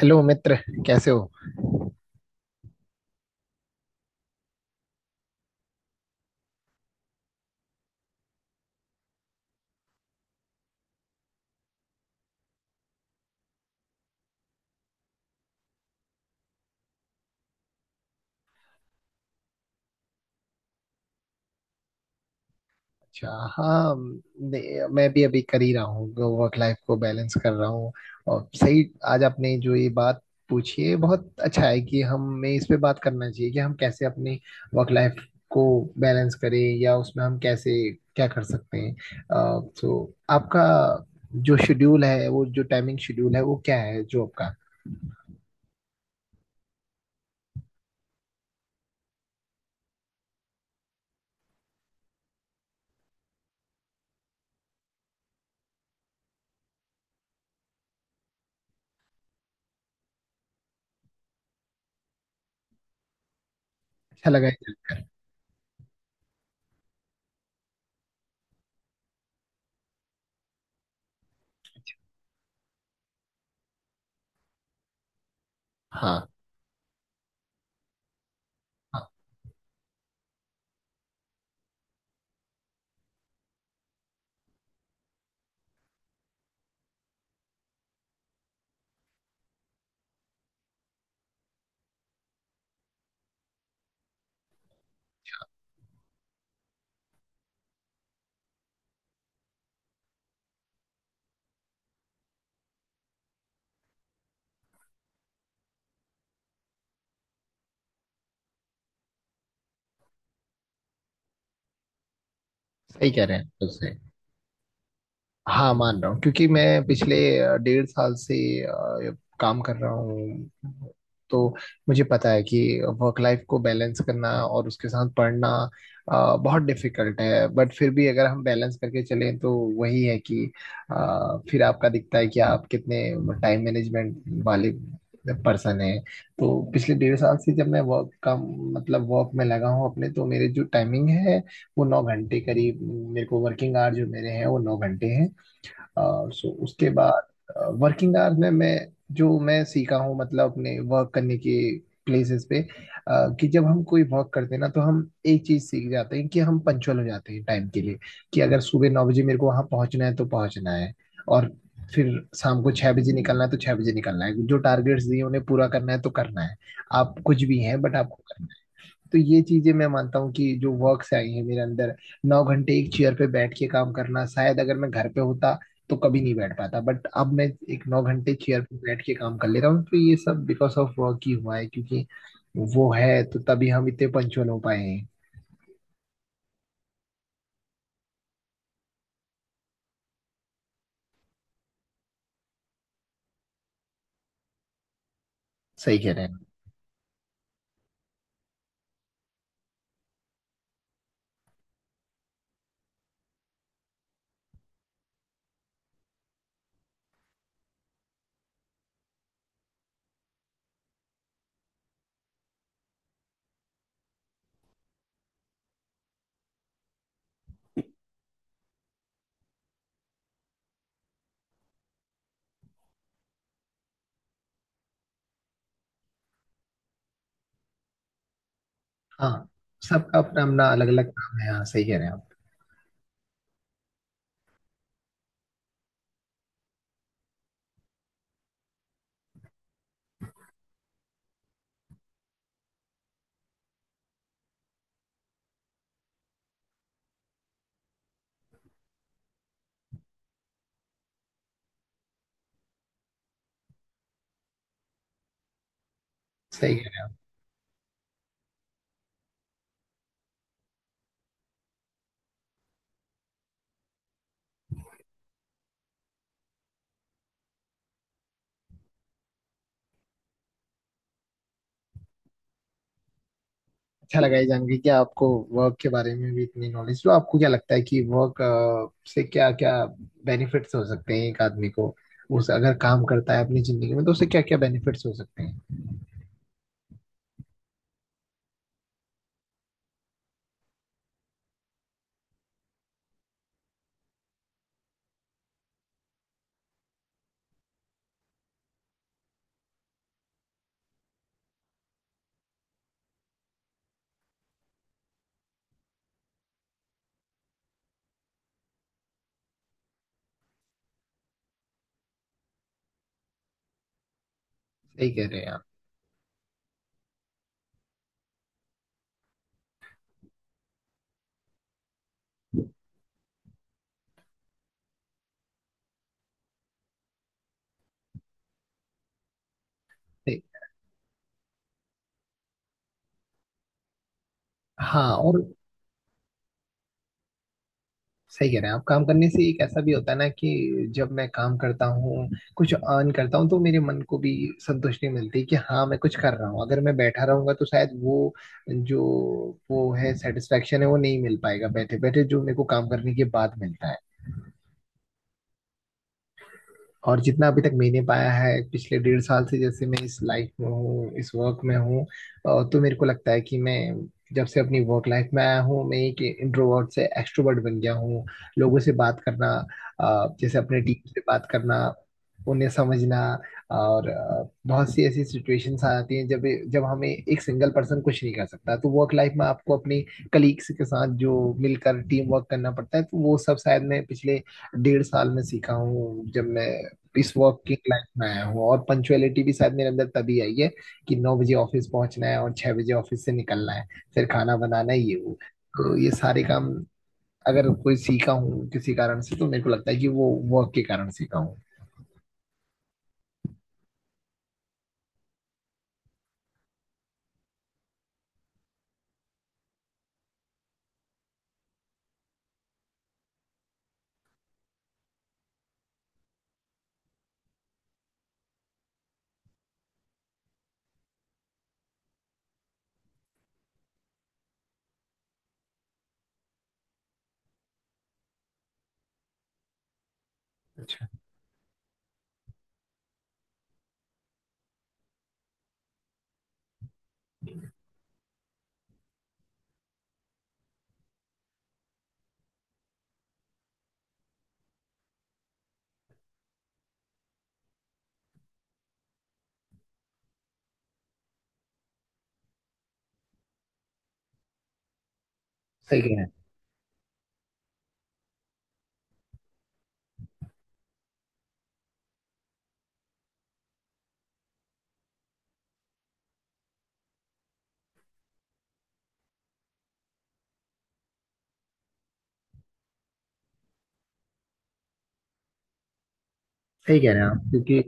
Hello मित्र, कैसे हो। अच्छा। हाँ। मैं भी अभी कर ही रहा हूँ, वर्क लाइफ को बैलेंस कर रहा हूँ। और सही, आज आपने जो ये बात पूछी है बहुत अच्छा है कि हमें इस पे बात करना चाहिए कि हम कैसे अपने वर्क लाइफ को बैलेंस करें या उसमें हम कैसे क्या कर सकते हैं। तो आपका जो शेड्यूल है, वो जो टाइमिंग शेड्यूल है वो क्या है जो आपका। अच्छा लगा है जानकर। हाँ हाँ, सही कह रहे हैं, बिल्कुल सही। हाँ मान रहा हूँ, क्योंकि मैं पिछले डेढ़ साल से काम कर रहा हूँ। तो मुझे पता है कि वर्क लाइफ को बैलेंस करना और उसके साथ पढ़ना बहुत डिफिकल्ट है, बट फिर भी अगर हम बैलेंस करके चलें तो वही है कि फिर आपका दिखता है कि आप कितने टाइम मैनेजमेंट वाले पर्सन हैं। तो पिछले डेढ़ साल से जब मैं वर्क का मतलब वर्क में लगा हूँ अपने, तो मेरे जो टाइमिंग है वो 9 घंटे करीब, मेरे को वर्किंग आवर जो मेरे हैं वो 9 घंटे हैं। सो उसके बाद वर्किंग आवर्स में मैं जो मैं सीखा हूँ मतलब अपने वर्क करने के प्लेसेस पे, कि जब हम कोई वर्क करते हैं ना तो हम एक चीज सीख जाते हैं कि हम पंचुअल हो जाते हैं टाइम के लिए। कि अगर सुबह 9 बजे मेरे को वहां पहुंचना है तो पहुंचना है, और फिर शाम को 6 बजे निकलना है तो 6 बजे निकलना है, जो टारगेट्स दिए उन्हें पूरा करना है तो करना है। आप कुछ भी हैं बट आपको करना है। तो ये चीजें मैं मानता हूँ कि जो वर्क से आई है मेरे अंदर। 9 घंटे एक चेयर पे बैठ के काम करना, शायद अगर मैं घर पे होता तो कभी नहीं बैठ पाता, बट अब मैं एक 9 घंटे चेयर पे बैठ के काम कर ले रहा हूँ, तो ये सब बिकॉज ऑफ वर्क ही हुआ है। क्योंकि वो है तो तभी हम इतने पंचुअल हो पाए हैं। सही कह रहे हैं। हाँ, सबका अपना अपना अलग अलग काम है। हाँ सही कह रहे हैं आप। सही। अच्छा लगा ये जान के कि आपको वर्क के बारे में भी इतनी नॉलेज। तो आपको क्या लगता है कि वर्क से क्या क्या बेनिफिट्स हो सकते हैं एक आदमी को, उस अगर काम करता है अपनी जिंदगी में तो उसे क्या क्या बेनिफिट्स हो सकते हैं। सही कह रहे हैं आप। सही। हाँ और सही कह रहे हैं आप, काम करने से एक ऐसा भी होता है ना कि जब मैं काम करता हूँ कुछ अर्न करता हूँ तो मेरे मन को भी संतुष्टि मिलती है कि हाँ मैं कुछ कर रहा हूँ। अगर मैं बैठा रहूंगा तो शायद वो जो वो है सेटिस्फेक्शन है वो नहीं मिल पाएगा बैठे बैठे, जो मेरे को काम करने के बाद मिलता है। और जितना अभी तक मैंने पाया है पिछले डेढ़ साल से, जैसे मैं इस लाइफ में हूँ इस वर्क में हूँ, तो मेरे को लगता है कि मैं जब से अपनी वर्क लाइफ में आया हूँ, मैं एक इंट्रोवर्ट से एक्सट्रोवर्ट बन गया हूँ। लोगों से बात करना, जैसे अपने टीम से बात करना, उन्हें समझना। और बहुत सी ऐसी सिचुएशंस आ जाती हैं जब जब हमें एक सिंगल पर्सन कुछ नहीं कर सकता तो वर्क लाइफ में आपको अपने कलीग्स के साथ जो मिलकर टीम वर्क करना पड़ता है, तो वो सब शायद मैं पिछले डेढ़ साल में सीखा हूँ जब मैं इस वर्किंग लाइफ में आया हूँ। और पंचुअलिटी भी शायद मेरे अंदर तभी आई है कि 9 बजे ऑफिस पहुंचना है और 6 बजे ऑफिस से निकलना है, फिर खाना बनाना है ये वो। तो ये सारे काम अगर कोई सीखा हूँ किसी कारण से तो मेरे को लगता है कि वो वर्क के कारण सीखा हूँ। अच्छा। सही कह रहे हैं। सही कह रहे हैं आप, क्योंकि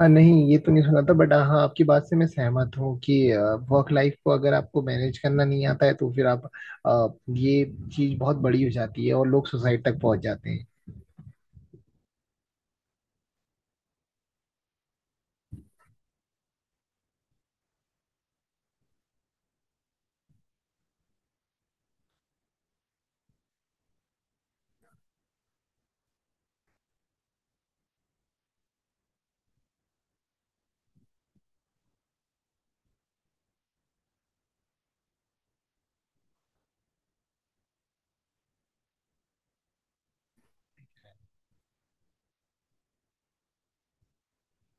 नहीं ये तो नहीं सुना था, बट हाँ आपकी बात से मैं सहमत हूँ कि वर्क लाइफ को अगर आपको मैनेज करना नहीं आता है तो फिर आप आ, ये चीज बहुत बड़ी हो जाती है और लोग सुसाइड तक पहुंच जाते हैं।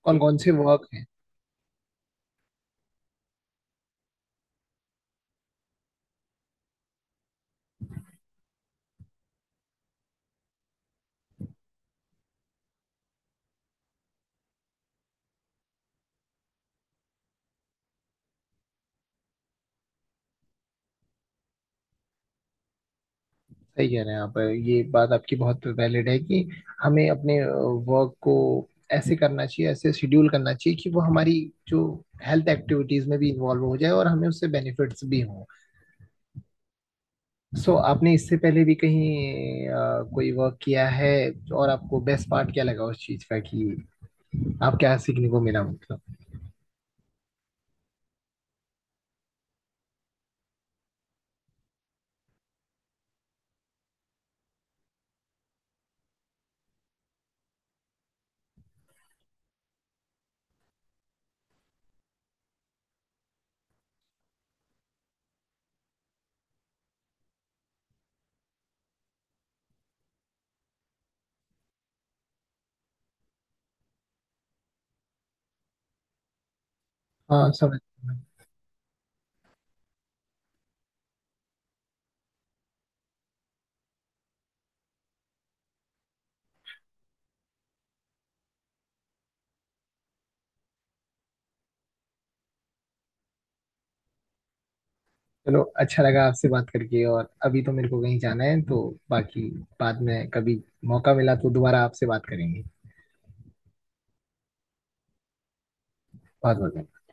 कौन कौन से वर्क। सही कह रहे हैं आप, ये बात आपकी बहुत वैलिड है कि हमें अपने वर्क को ऐसे करना चाहिए, ऐसे शेड्यूल करना चाहिए कि वो हमारी जो हेल्थ एक्टिविटीज में भी इन्वॉल्व हो जाए और हमें उससे बेनिफिट्स भी हों। सो आपने इससे पहले भी कहीं कोई वर्क किया है, और आपको बेस्ट पार्ट क्या लगा उस चीज का, कि आप क्या सीखने को मिला मतलब। हाँ समझ। चलो अच्छा लगा आपसे बात करके, और अभी तो मेरे को कहीं जाना है तो बाकी बाद में कभी मौका मिला तो दोबारा आपसे बात करेंगे। बहुत बहुत।